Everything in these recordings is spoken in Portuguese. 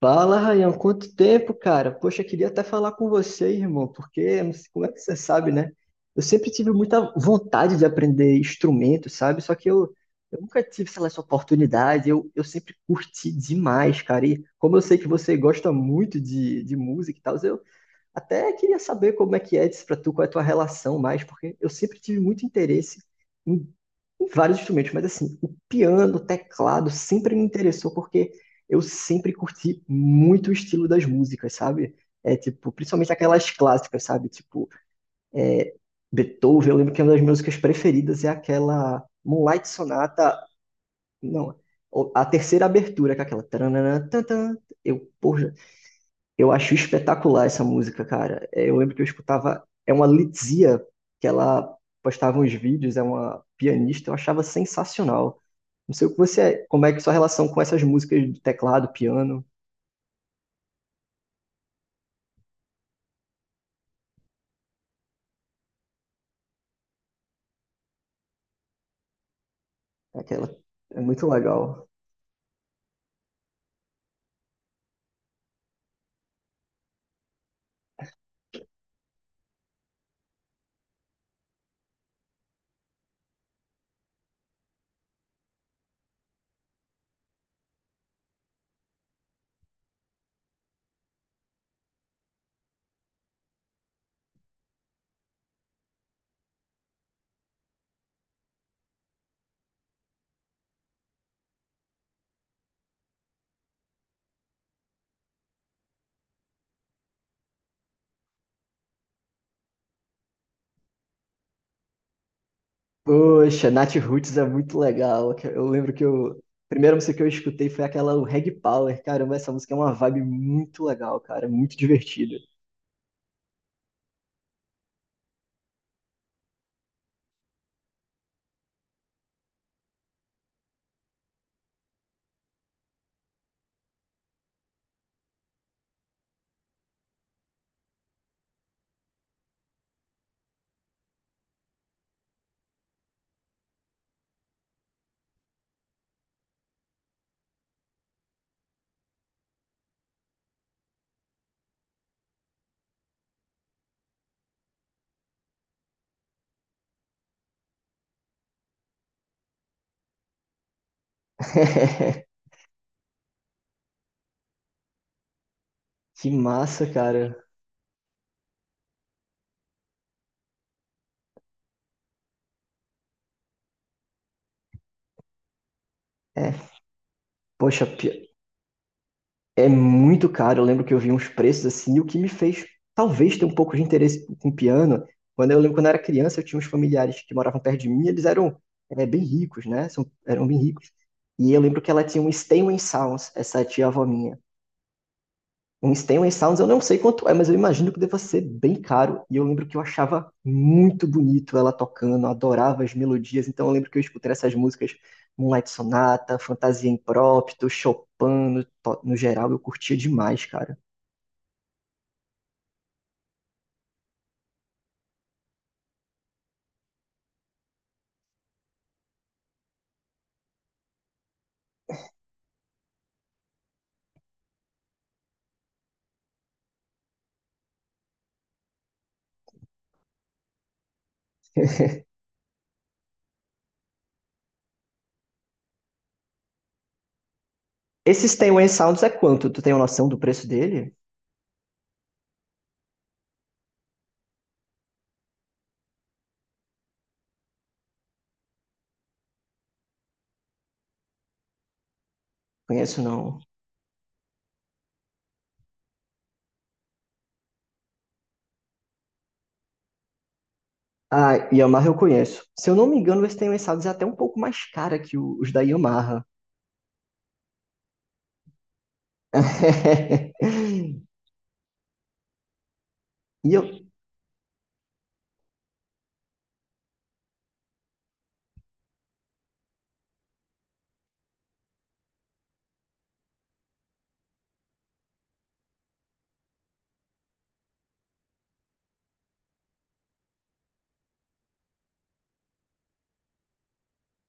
Fala, Rayan, quanto tempo, cara? Poxa, queria até falar com você, irmão, porque não sei como é que você sabe, né? Eu sempre tive muita vontade de aprender instrumento, sabe? Só que eu, nunca tive, sei lá, essa oportunidade. Eu sempre curti demais, cara. E como eu sei que você gosta muito de música e tal, eu até queria saber como é que é isso pra tu, qual é a tua relação mais, porque eu sempre tive muito interesse em, em vários instrumentos, mas assim, o piano, o teclado sempre me interessou porque eu sempre curti muito o estilo das músicas, sabe? É tipo, principalmente aquelas clássicas, sabe? Tipo, Beethoven, eu lembro que uma das minhas músicas preferidas é aquela Moonlight Sonata, não, a terceira abertura, que é aquela tananã, tantã. Eu, porra, eu acho espetacular essa música, cara. É, eu lembro que eu escutava. É uma Litzia, que ela postava uns vídeos, é uma pianista, eu achava sensacional. Não sei o que você, como é que sua relação com essas músicas de teclado, piano, aquela. É muito legal. Poxa, Nat Roots é muito legal. Eu lembro que eu. A primeira música que eu escutei foi aquela o Reg Power. Caramba, essa música é uma vibe muito legal, cara. Muito divertida. Que massa, cara. É, poxa, pi- É muito caro. Eu lembro que eu vi uns preços assim, e o que me fez talvez ter um pouco de interesse com piano. Quando eu lembro quando eu era criança, eu tinha uns familiares que moravam perto de mim, eles eram bem ricos, né? Eram bem ricos. E eu lembro que ela tinha um Steinway Sounds, essa tia-avó minha. Um Stanway Sounds eu não sei quanto é, mas eu imagino que deva ser bem caro. E eu lembro que eu achava muito bonito ela tocando, eu adorava as melodias. Então eu lembro que eu escutei essas músicas, Moonlight Sonata, Fantasia Imprópto, Chopin, no geral, eu curtia demais, cara. Esse Stanway Sounds é quanto? Tu tem uma noção do preço dele? Conheço não. Ah, Yamaha eu conheço. Se eu não me engano, esse Stanway Sounds é até um pouco mais cara que os da Yamaha. E eu,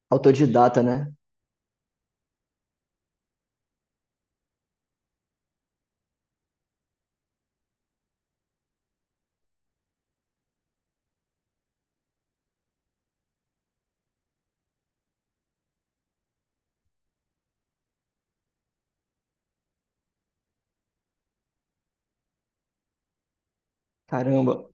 autodidata, né? Caramba.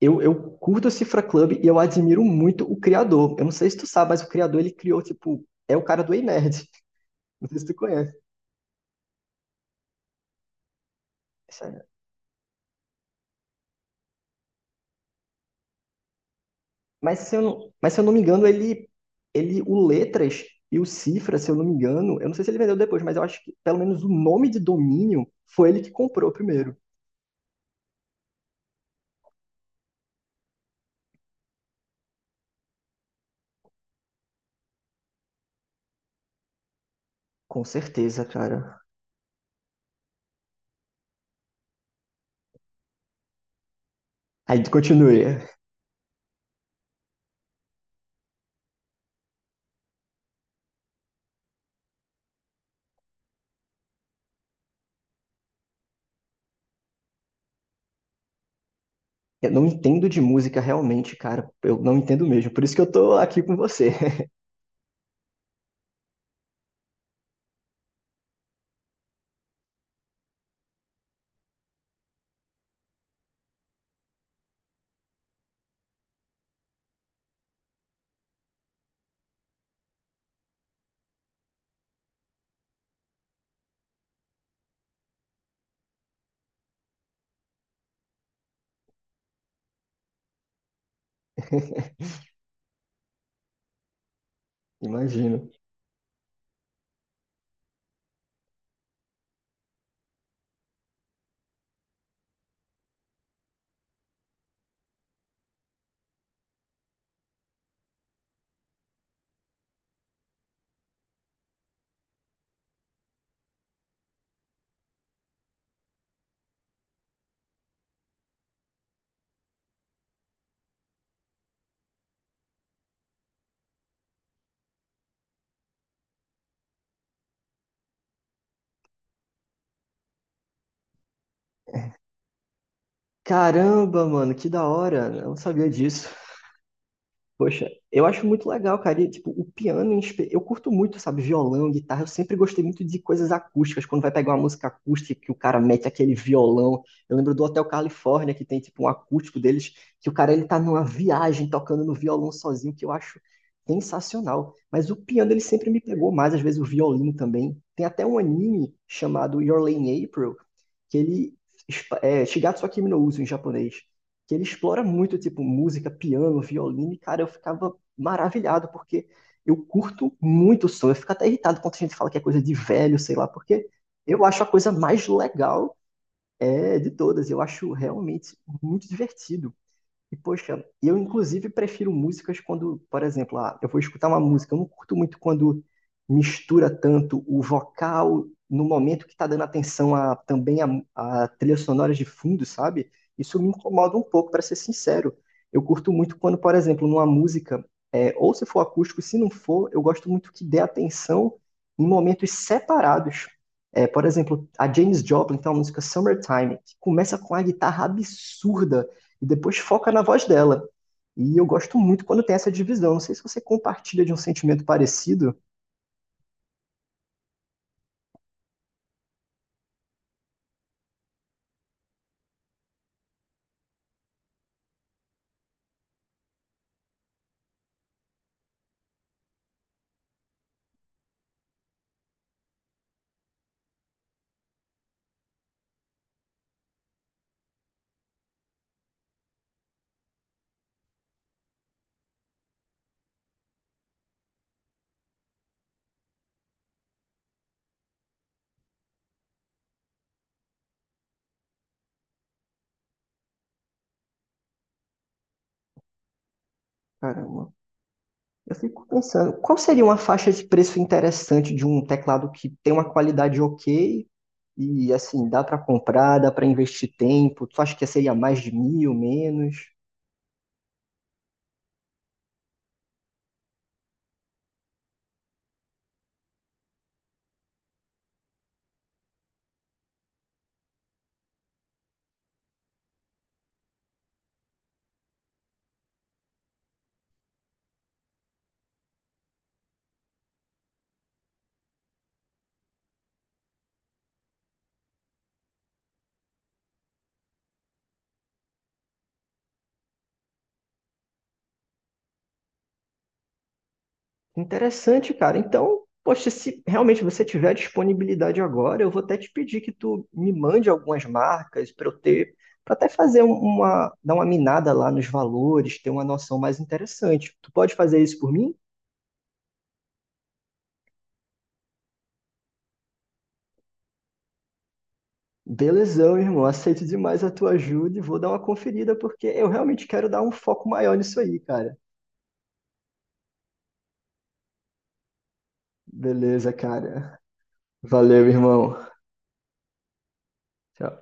Eu curto o Cifra Club e eu admiro muito o criador. Eu não sei se tu sabe, mas o criador ele criou, tipo, é o cara do Ei Nerd. Não sei se tu conhece. Mas se eu não me engano, ele, o Letras e o Cifra, se eu não me engano, eu não sei se ele vendeu depois, mas eu acho que pelo menos o nome de domínio foi ele que comprou primeiro. Com certeza, cara. Aí continue. Eu não entendo de música realmente, cara. Eu não entendo mesmo. Por isso que eu tô aqui com você. Imagino. Caramba, mano, que da hora. Eu não sabia disso. Poxa, eu acho muito legal, cara. E, tipo, o piano, eu curto muito, sabe, violão, guitarra. Eu sempre gostei muito de coisas acústicas. Quando vai pegar uma música acústica, que o cara mete aquele violão. Eu lembro do Hotel Califórnia, que tem, tipo, um acústico deles, que o cara, ele tá numa viagem tocando no violão sozinho, que eu acho sensacional. Mas o piano, ele sempre me pegou mais, às vezes o violino também. Tem até um anime chamado Your Lane April, que ele... É, Shigatsu wa Kimi no Uso, em japonês, que ele explora muito, tipo, música, piano, violino, e, cara, eu ficava maravilhado, porque eu curto muito o som. Eu fico até irritado quando a gente fala que é coisa de velho, sei lá, porque eu acho a coisa mais legal de todas. Eu acho realmente muito divertido. E, poxa, eu inclusive prefiro músicas quando, por exemplo, ah, eu vou escutar uma música. Eu não curto muito quando mistura tanto o vocal no momento que está dando atenção também a trilha sonora de fundo, sabe? Isso me incomoda um pouco, para ser sincero. Eu curto muito quando, por exemplo, numa música, ou se for acústico, se não for, eu gosto muito que dê atenção em momentos separados. É, por exemplo, a James Joplin tem uma música Summertime, que começa com a guitarra absurda e depois foca na voz dela. E eu gosto muito quando tem essa divisão. Não sei se você compartilha de um sentimento parecido. Caramba, eu fico pensando, qual seria uma faixa de preço interessante de um teclado que tem uma qualidade ok e assim, dá para comprar, dá para investir tempo? Tu acha que seria mais de 1000, menos? Interessante, cara. Então, poxa, se realmente você tiver disponibilidade agora, eu vou até te pedir que tu me mande algumas marcas para eu ter, para até fazer uma, dar uma minada lá nos valores, ter uma noção mais interessante. Tu pode fazer isso por mim? Belezão, irmão. Aceito demais a tua ajuda e vou dar uma conferida porque eu realmente quero dar um foco maior nisso aí, cara. Beleza, cara. Valeu, irmão. Tchau.